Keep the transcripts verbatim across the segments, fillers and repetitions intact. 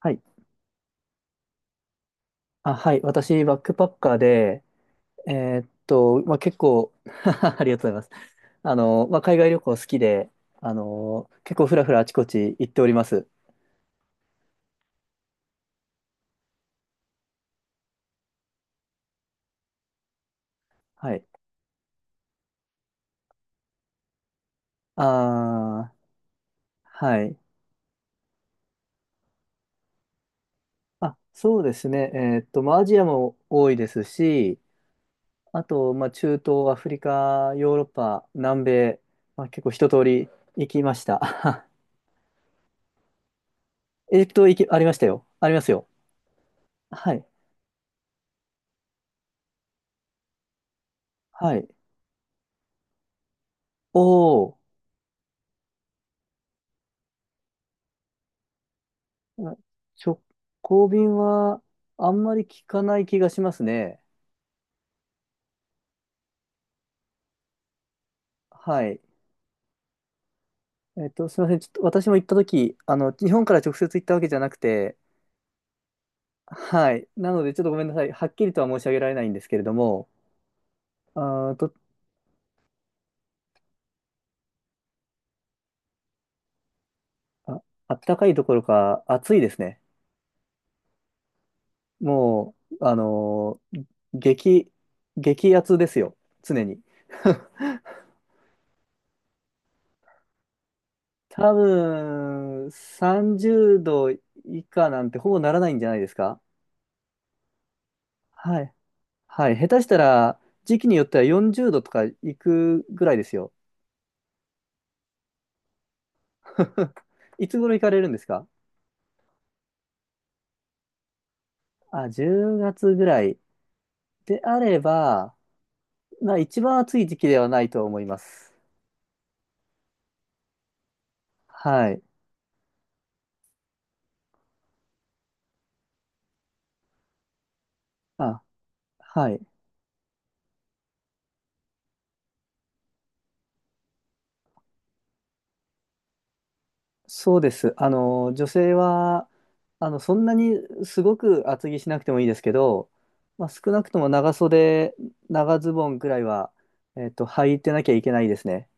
はい。あ、はい。私、バックパッカーで、えーっと、まあ、結構。 ありがとうございます。あの、まあ、海外旅行好きで、あの、結構ふらふらあちこち行っております。はい。あー、はい。あ、そうですね。えーっと、まあ、アジアも多いですし、あと、まあ、中東、アフリカ、ヨーロッパ、南米、まあ、結構一通り行きました。えーっと、行き、ありましたよ。ありますよ。はい。はい。おー。あ、直行便はあんまり聞かない気がしますね。はい。えっと、すみません。ちょっと私も行ったとき、あの、日本から直接行ったわけじゃなくて、はい。なので、ちょっとごめんなさい。はっきりとは申し上げられないんですけれども、あーと、あ、あったかいどころか暑いですね。もう、あのー激、激熱ですよ。常に。多分、さんじゅうど以下なんてほぼならないんじゃないですか。はい。はい、下手したら時期によってはよんじゅうどとか行くぐらいですよ。いつ頃行かれるんですか？あ、じゅうがつぐらいであれば、まあ一番暑い時期ではないと思います。はい。あ、はい。そうです。あの、女性は、あの、そんなにすごく厚着しなくてもいいですけど、まあ、少なくとも長袖、長ズボンぐらいは、えっと、履いてなきゃいけないですね。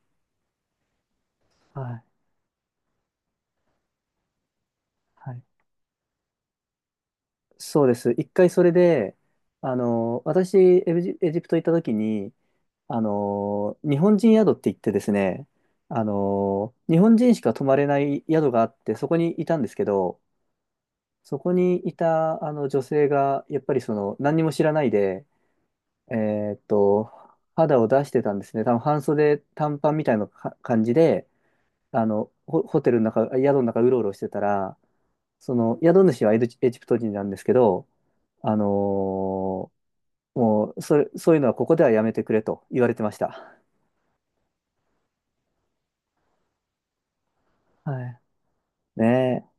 はい。はい、そうです。一回それで、あの、私、エジ、エジプト行った時に、あの、日本人宿って言ってですね、あの、日本人しか泊まれない宿があって、そこにいたんですけど、そこにいた、あの、女性が、やっぱりその、何にも知らないで、えーっと、肌を出してたんですね。多分半袖短パンみたいなか感じで、あの、ホ、ホテルの中、宿の中うろうろしてたら、その、宿主はエジ、エジプト人なんですけど、あのーもう、それ、そういうのはここではやめてくれと言われてました。はい。ねえ。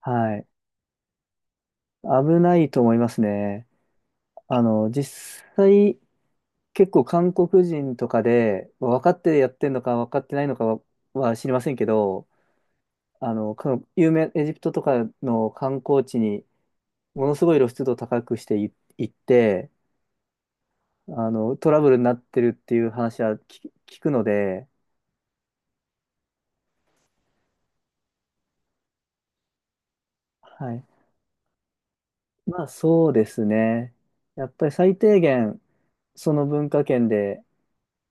はい。危ないと思いますね。あの、実際、結構韓国人とかで、分かってやってんのか分かってないのかは、は知りませんけど、あの、か有名、エジプトとかの観光地に、ものすごい露出度高くしてい行って、あの、トラブルになってるっていう話は聞、聞くので、はい。まあ、そうですね。やっぱり最低限、その文化圏で、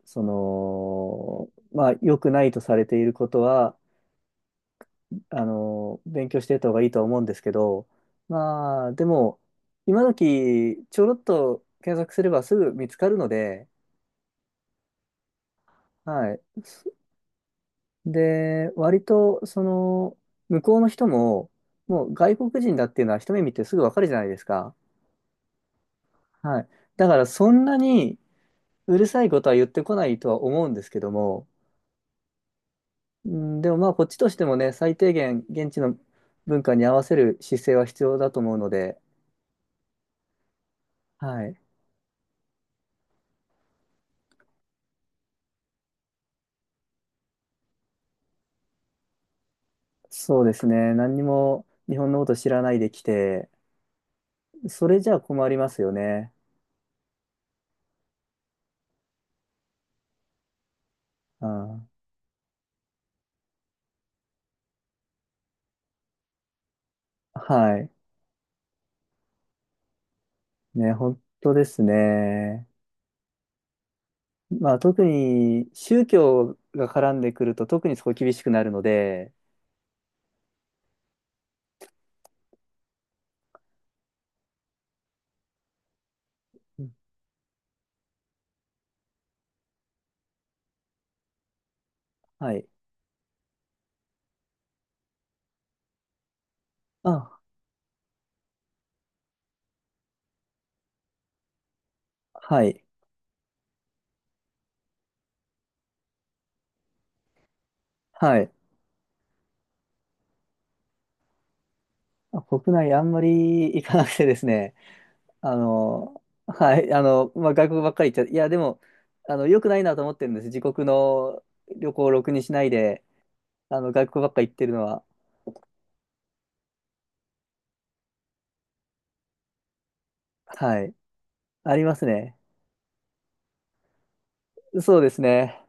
その、まあ、良くないとされていることは、あの、勉強していった方がいいとは思うんですけど、まあ、でも、今時、ちょろっと検索すればすぐ見つかるので、はい。で、割と、その、向こうの人も、もう外国人だっていうのは一目見てすぐわかるじゃないですか。はい。だから、そんなにうるさいことは言ってこないとは思うんですけども、うん、でもまあこっちとしてもね、最低限現地の文化に合わせる姿勢は必要だと思うので、はい。そうですね。何にも日本のこと知らないで来て、それじゃあ困りますよね。うん、はい。ね、本当ですね。まあ特に宗教が絡んでくると特にそこ厳しくなるので、うん、はい。あ、はい。はい。あ、国内あんまり行かなくてですね。あの、はい、あの、まあ、外国ばっかり行っちゃ、いや、でも、あの、良くないなと思ってるんです。自国の旅行をろくにしないで、あの、外国ばっかり行ってるのは、はい、ありますね。そうですね。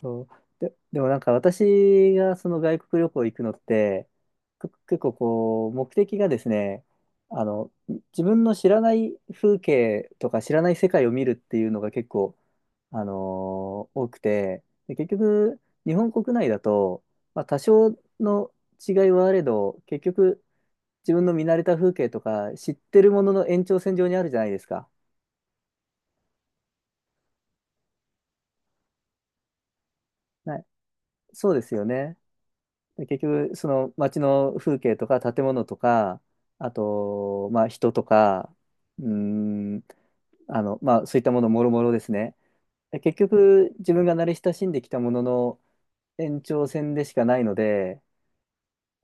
そう。で、でもなんか私がその外国旅行行くのって、く結構こう、目的がですね、あの、自分の知らない風景とか知らない世界を見るっていうのが結構あのー多くて、で、結局、日本国内だと、まあ、多少の違いはあれど、結局、自分の見慣れた風景とか、知ってるものの延長線上にあるじゃないですか。はい、そうですよね。で、結局、その街の風景とか、建物とか、あと、まあ、人とか、うーん、あの、まあ、そういったものもろもろですね。で結局、自分が慣れ親しんできたものの延長線でしかないので、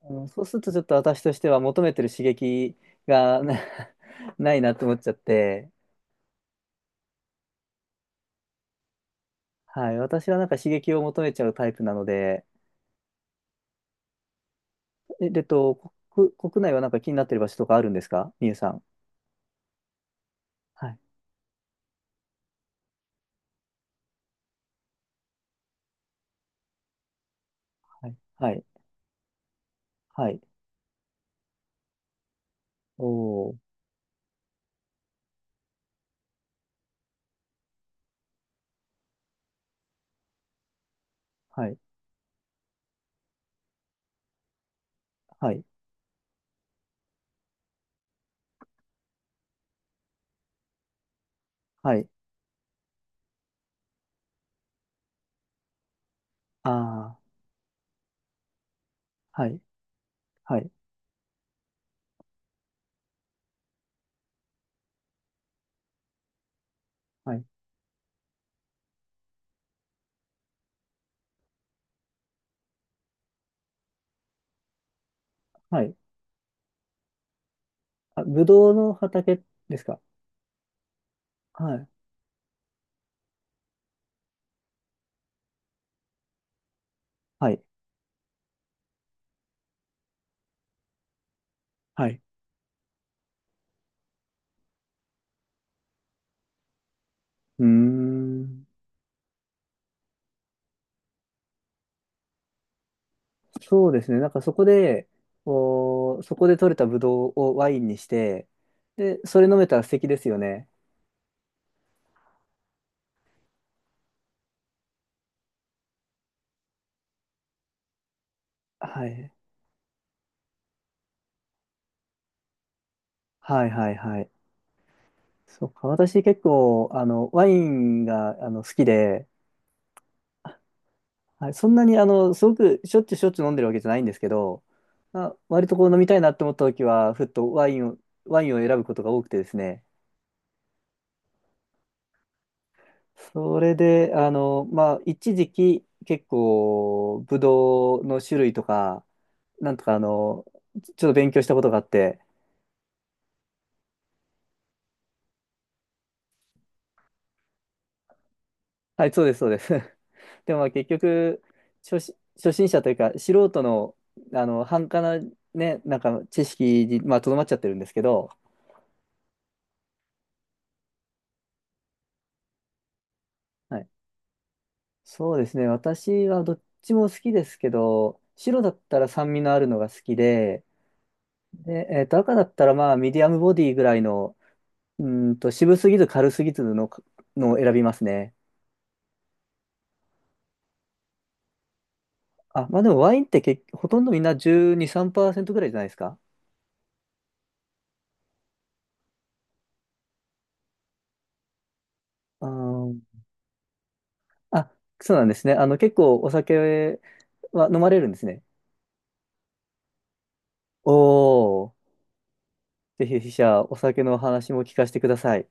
うん、そうするとちょっと私としては求めてる刺激がな ないなと思っちゃって、はい、私はなんか刺激を求めちゃうタイプなので、え、えっと、国、国内はなんか気になってる場所とかあるんですか、みゆさん？はい、はい、はい、はい、おー、はい、はい、はい、あー、はい、はい、はい、はい、あ、ぶどうの畑ですか？はい、はい、はい、うーん。そうですね。なんかそこで、こう、そこで取れたブドウをワインにして、で、それ飲めたら素敵ですよね。はい。はいはいはい。そうか。私結構、あの、ワインが、あの、好きで、はい、そんなに、あの、すごくしょっちゅうしょっちゅう飲んでるわけじゃないんですけど、あ、割とこう飲みたいなって思った時は、ふっとワインを、ワインを選ぶことが多くてですね。それで、あの、まあ、一時期、結構、ブドウの種類とか、なんとか、あの、ちちょっと勉強したことがあって、はい、そうです、そうです。でも、まあ、結局、初し、初心者というか、素人の、あの、半端な、ね、なんか、知識に、まあ、とどまっちゃってるんですけど、はい。そうですね、私はどっちも好きですけど、白だったら酸味のあるのが好きで、で、えっと、赤だったら、まあ、ミディアムボディぐらいの、うーんと、渋すぎず軽すぎずの、のを選びますね。あ、まあでもワインって結ほとんどみんなじゅうに、さんパーセントぐらいじゃないですか。あー、あ、そうなんですね。あの、結構お酒は飲まれるんですね。おー、ぜひ、筆者、お酒の話も聞かせてください。